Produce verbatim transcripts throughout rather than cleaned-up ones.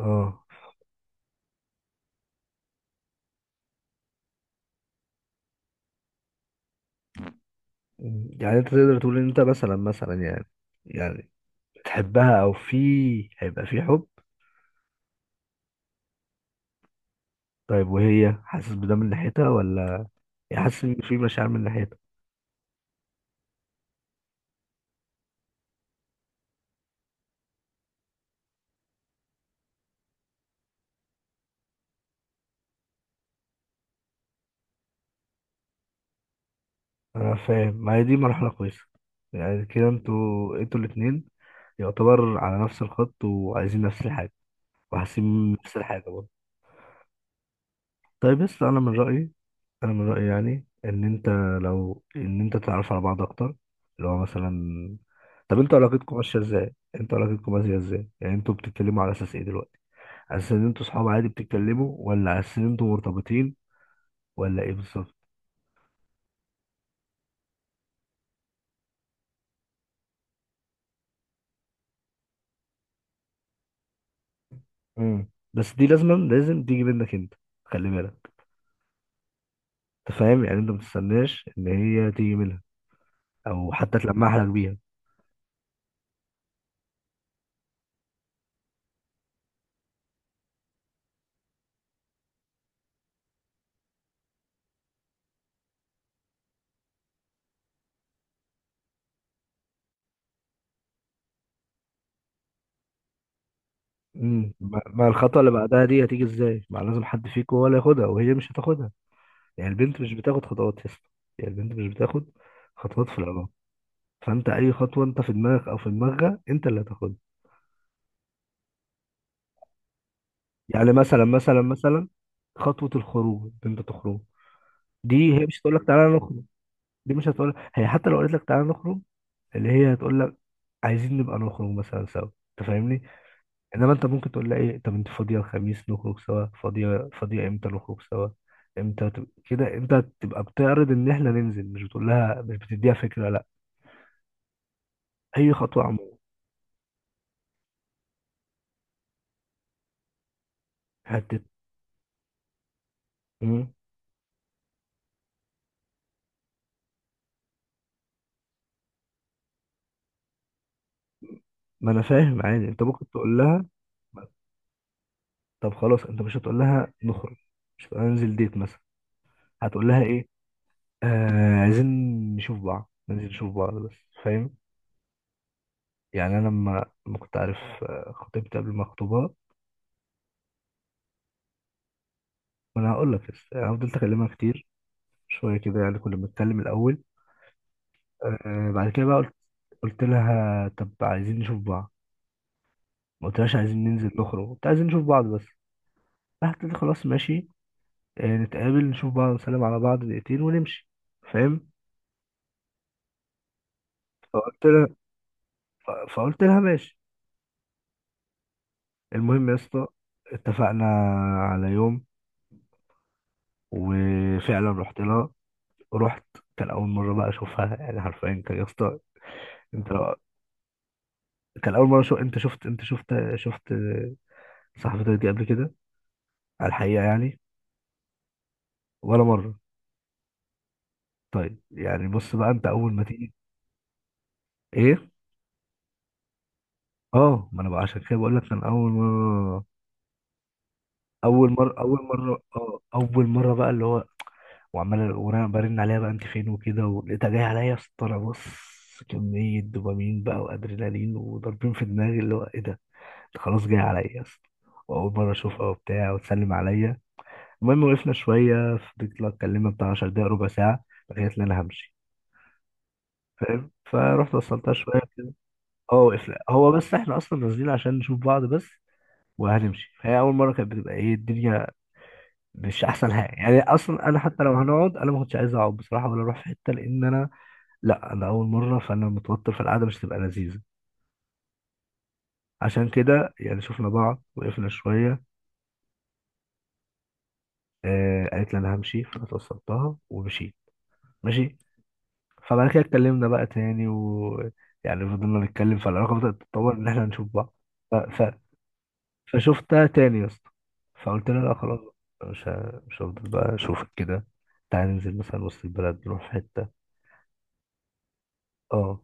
اه. يعني انت تقدر تقول ان انت مثلا مثلا يعني يعني بتحبها او في هيبقى في حب؟ طيب وهي حاسس بده من ناحيتها ولا هي حاسس ان في مشاعر من ناحيتها؟ انا فاهم، ما هي دي مرحلة كويسة. يعني كده انتوا انتوا الاتنين يعتبر على نفس الخط، وعايزين نفس الحاجة وحاسين نفس الحاجة برضه. طيب، بس انا من رأيي انا من رايي يعني ان انت لو ان انت تتعرف على بعض اكتر، اللي هو مثلا. طب انتوا علاقتكم ماشيه ازاي، انتوا علاقتكم ماشيه ازاي يعني انتوا بتتكلموا على اساس ايه دلوقتي؟ على اساس ان انتوا صحاب عادي بتتكلموا، ولا على اساس ان انتوا مرتبطين، ولا ايه بالظبط؟ امم بس دي لازما لازم تيجي منك انت، خلي بالك. انت فاهم يعني؟ انت ما تستناش ان هي تيجي منها، او حتى تلمح لك بيها. امم ما ما الخطوه اللي بعدها دي هتيجي ازاي؟ ما لازم حد فيكم ولا ياخدها، وهي مش هتاخدها. يعني البنت مش بتاخد خطوات يا اسطى، يعني البنت مش بتاخد خطوات في العلاقه. فانت اي خطوه انت في دماغك او في دماغها، انت اللي هتاخدها. يعني مثلا مثلا مثلا خطوه الخروج انت تخرج. دي هي مش هتقول لك تعالى نخرج، دي مش هتقول هي. حتى لو قالت لك تعالى نخرج، اللي هي هتقول لك عايزين نبقى نخرج مثلا سوا، انت فاهمني؟ انما انت ممكن تقول لها ايه، طب انت فاضيه الخميس نخرج سوا؟ فاضيه فاضيه امتى نخرج سوا؟ امتى تب- كده انت تبقى بتعرض ان احنا ننزل، مش بتقول لها، مش بتديها فكره، لا. اي خطوه. هتت... مم. ما انا فاهم، عادي انت ممكن تقول لها. طب خلاص، انت مش هتقول لها نخرج، مش هتقول لها ننزل ديت مثلا. هتقول لها ايه؟ آه، عايزين نشوف بعض، ننزل نشوف بعض بس، فاهم؟ يعني انا لما لما كنت عارف آه، خطيبتي قبل ما اخطبها، ما انا هقول لك. بس يعني فضلت اكلمها كتير شويه كده، يعني كنا بنتكلم الاول. آه بعد كده بقى قلت، قلت لها طب عايزين نشوف بعض. ما قلتلهاش عايزين ننزل نخرج، قلت عايزين نشوف بعض بس. راحت قالت لي خلاص ماشي، آه، نتقابل نشوف بعض نسلم على بعض دقيقتين ونمشي، فاهم؟ فقلت لها، ف- فقلت لها ماشي. المهم يا اسطى، اتفقنا على يوم، وفعلا رحت لها. رحت، كان اول مره بقى اشوفها يعني حرفيا. كان يا اسطى، انت لو. كان اول مره، شو انت شفت، انت شفت شفت صاحبتك دي قبل كده على الحقيقه يعني؟ ولا مره. طيب يعني بص بقى، انت اول ما تيجي. ايه؟ اه ما انا بقى عشان كده بقول لك، كان اول مره اول مره اول مره اه اول مره بقى اللي هو. وعمال وانا برن عليها بقى انت فين وكده، ولقيتها جايه عليا يا اسطى. أنا بص، كمية دوبامين بقى وادرينالين وضاربين في دماغي، اللي هو ايه ده؟ ده خلاص جاي عليا يا اسطى، واول مرة اشوفها وبتاع وتسلم عليا. المهم وقفنا شوية، فضلت لها اتكلمنا بتاع عشر دقايق ربع ساعة، لغاية ان انا همشي. فاهم؟ فرحت وصلتها شوية كده. اه وقفنا، هو بس احنا اصلا نازلين عشان نشوف بعض بس وهنمشي. فهي اول مره، كانت بتبقى ايه الدنيا، مش احسن حاجه. يعني اصلا انا حتى لو هنقعد، انا ما كنتش عايز اقعد بصراحه، ولا اروح في حته، لان انا، لا انا اول مره، فانا متوتر، فالقعده مش هتبقى لذيذه. عشان كده يعني شفنا بعض وقفنا شويه. آه قالت لي انا همشي، فانا توصلتها ومشيت، ماشي. فبعد كده اتكلمنا بقى تاني، و يعني فضلنا نتكلم، فالعلاقه بدات تتطور ان احنا نشوف بعض. ف... ف... فشفتها تاني يا اسطى، فقلت لها لا خلاص، مش ه... مش هفضل بقى اشوفك كده، تعالى ننزل مثلا وسط البلد، نروح في حته. اه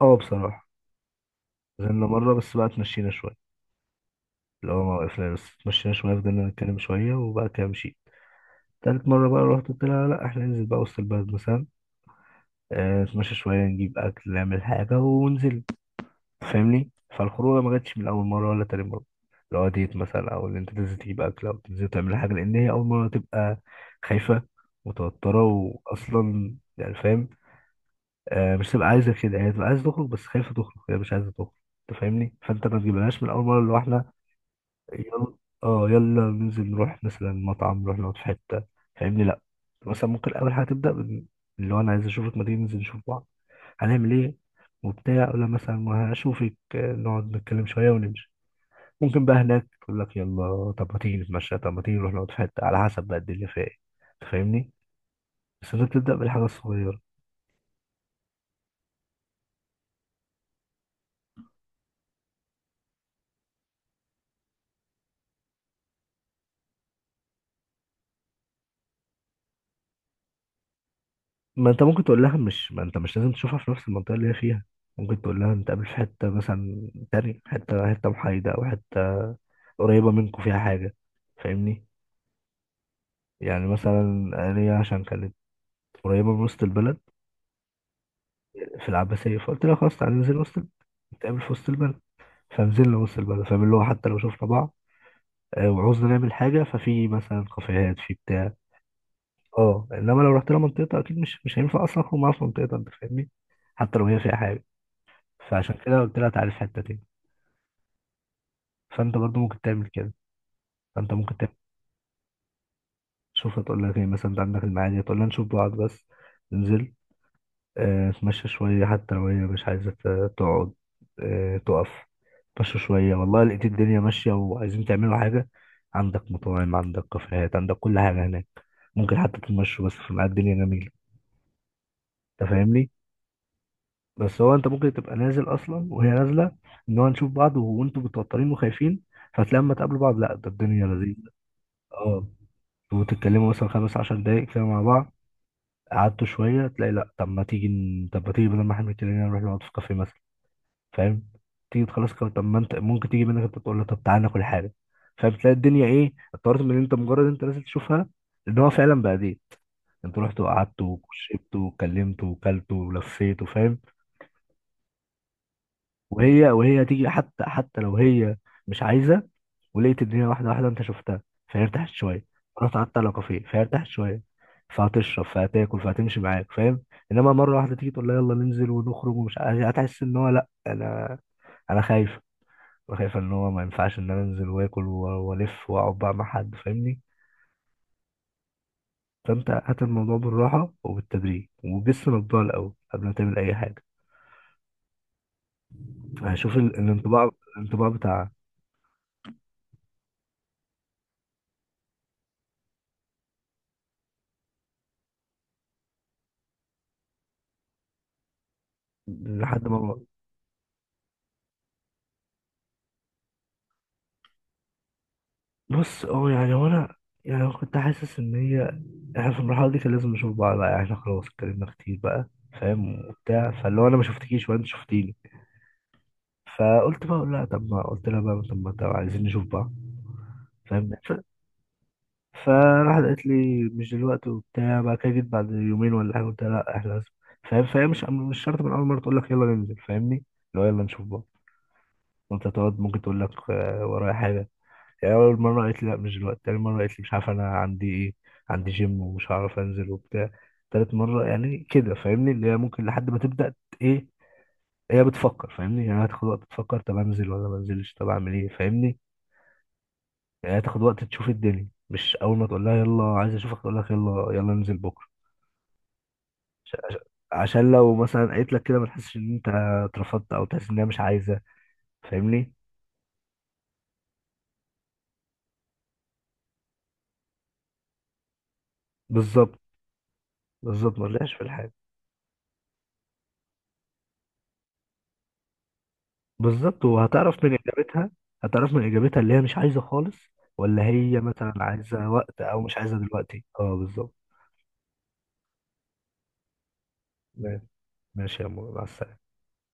اه بصراحه، نزلنا مره بس بقى، اتمشينا شويه، اللي هو ما وقفنا بس اتمشينا شويه، فضلنا نتكلم شويه، وبقى كده مشيت. تالت مرة بقى رحت قلت لها لا احنا ننزل بقى وسط البلد مثلا. آه، نتمشى شوية، نجيب أكل، نعمل حاجة وننزل، فاهمني؟ فالخروجة ما جاتش من أول مرة ولا تاني مرة لو ديت مثلا، أو إن أنت تنزل تجيب أكل أو تنزل تعمل حاجة، لأن هي أول مرة تبقى خايفة متوترة، وأصلا يعني فاهم؟ آه، مش تبقى عايزة كده، هي تبقى عايزة تخرج بس خايفة تخرج، هي مش عايزة تخرج. أنت فاهمني؟ فأنت ما تجيبلهاش من أول مرة اللي هو إحنا يلا، اه يلا ننزل نروح مثلا مطعم، نروح نقعد في حتة، فاهمني؟ لا، مثلا ممكن أول حاجة تبدأ بال- اللي هو أنا عايز أشوفك، ما تيجي ننزل نشوف بعض، هنعمل إيه وبتاع. ولا مثلا ما هشوفك، آه، نقعد نتكلم شوية ونمشي. ممكن بقى هناك يقول لك يلا، طب ما تيجي نتمشى، طب ما تيجي نروح نقعد في حتة، على حسب بقى الدنيا فيها إيه. أنت فاهمني؟ بس أنت بتبدأ بالحاجة الصغيرة. ما أنت ممكن تقول لها، مش ما أنت مش لازم تشوفها في نفس المنطقة اللي هي فيها. ممكن تقول لها نتقابل في حتة مثلا تانية، حتة حتة محايدة، أو حتة قريبة منكم فيها حاجة، فاهمني؟ يعني مثلا ليا، عشان كانت قريبة من وسط البلد، في العباسية، فقلت لها خلاص تعالى ننزل وسط البلد، نتقابل في وسط البلد. فنزلنا وسط البلد، فاهم؟ اللي هو حتى لو شفنا بعض، آه، وعوزنا نعمل حاجة، ففي مثلا كافيهات، في بتاع. اه انما لو رحت لها منطقة، اكيد مش مش هينفع اصلا اخرج معاها في منطقة، انت فاهمني؟ حتى لو هي فيها حاجة. فعشان كده قلت لها تعالي في حتة تاني. فانت برضو ممكن تعمل كده. فانت ممكن تعمل شوف هتقول لك ايه، مثلا انت عندك المعادي، هتقول لها نشوف بعض بس، ننزل، آه، اتمشى شوية، حتى لو هي مش عايزة ت- تقعد، آه، تقف، اتمشى شوية، والله لقيت الدنيا ماشية وعايزين تعملوا حاجة. عندك مطاعم، عندك كافيهات، عندك كل حاجة هناك، ممكن حتى تتمشوا بس في ميعاد الدنيا جميلة. انت فاهمني؟ بس هو انت ممكن تبقى نازل اصلا وهي نازلة، ان هو نشوف بعض، وانتوا متوترين وخايفين، فتلاقي اما تقابلوا بعض، لا ده الدنيا لذيذة. اه، وتتكلموا مثلا خمس عشر دقايق كده مع بعض، قعدتوا شوية، تلاقي لا طب ما تيجي، طب ما تيجي بدل ما احنا بنتكلم نروح نقعد في كافيه مثلا، فاهم؟ تيجي تخلص كده، طب ما انت ممكن تيجي منك انت، تقول له طب تعالى ناكل حاجه، فاهم؟ تلاقي الدنيا ايه، اتطورت من ان انت مجرد انت نازل تشوفها، ان هو فعلا بقى دي. انت رحت وقعدت وشربت وكلمت وكلت ولفيت، وفاهم. وهي وهي تيجي، حتى حتى لو هي مش عايزه. ولقيت الدنيا واحده واحده، انت شفتها، فهي ارتاحت شويه. رحت قعدت على كافيه، فهي ارتاحت شويه، فهتشرب فهتاكل فهتمشي معاك، فاهم؟ انما مره واحده تيجي تقول لها يلا ننزل ونخرج، ومش عايز، هتحس ان هو لا انا، انا خايف، وشايفة ان هو ما ينفعش ان انا انزل واكل و- والف واقعد بقى مع حد، فاهمني؟ فانت هات الموضوع بالراحة وبالتدريج، وجس الانطباع الاول قبل ما تعمل اي حاجة. هشوف ال- الانطباع، الانطباع بتاع، لحد ما. بص اه، يعني هو انا، يعني أنا كنت حاسس ان هي، احنا في المرحلة دي كان لازم نشوف بعض بقى، يعني احنا خلاص اتكلمنا كتير بقى، فاهم وبتاع. فاللي هو انا ما شفتكيش وانت شفتيني، فقلت بقى لا، طب ما قلت لها بقى طب ما، طب عايزين نشوف بعض، فاهم؟ فراحت قالت لي مش دلوقتي وبتاع، بعد كده جيت بعد يومين ولا حاجه قلت لها لا احنا لازم، فاهم؟ فهي مش مش شرط من اول مره تقول لك يلا ننزل، فاهمني؟ اللي هو يلا نشوف بعض، وانت تقعد ممكن تقول لك آه، ورايا حاجه. يعني اول مره قالت لي لا مش دلوقتي، تاني مره قالت لي مش عارف انا عندي ايه، عندي جيم ومش هعرف انزل وبتاع، تالت مره يعني كده، فاهمني؟ اللي هي ممكن لحد ما تبدا ايه، هي بتفكر، فاهمني؟ يعني هتاخد وقت تفكر، طب انزل ولا ما انزلش، طب اعمل ايه، فاهمني؟ يعني هتاخد وقت تشوف الدنيا، مش اول ما تقول لها يلا عايز اشوفك تقول لك يلا يلا ننزل بكره. عش- عشان لو مثلا قالت لك كده، ما تحسش ان انت اترفضت، او تحس ان هي مش عايزه، فاهمني؟ بالظبط، بالظبط ما تلاقيش في الحاجه. بالظبط، وهتعرف من اجابتها، هتعرف من اجابتها اللي هي مش عايزه خالص، ولا هي مثلا عايزه وقت، او مش عايزه دلوقتي، اه بالظبط. ماشي، ماشي يا مو، مع السلامه.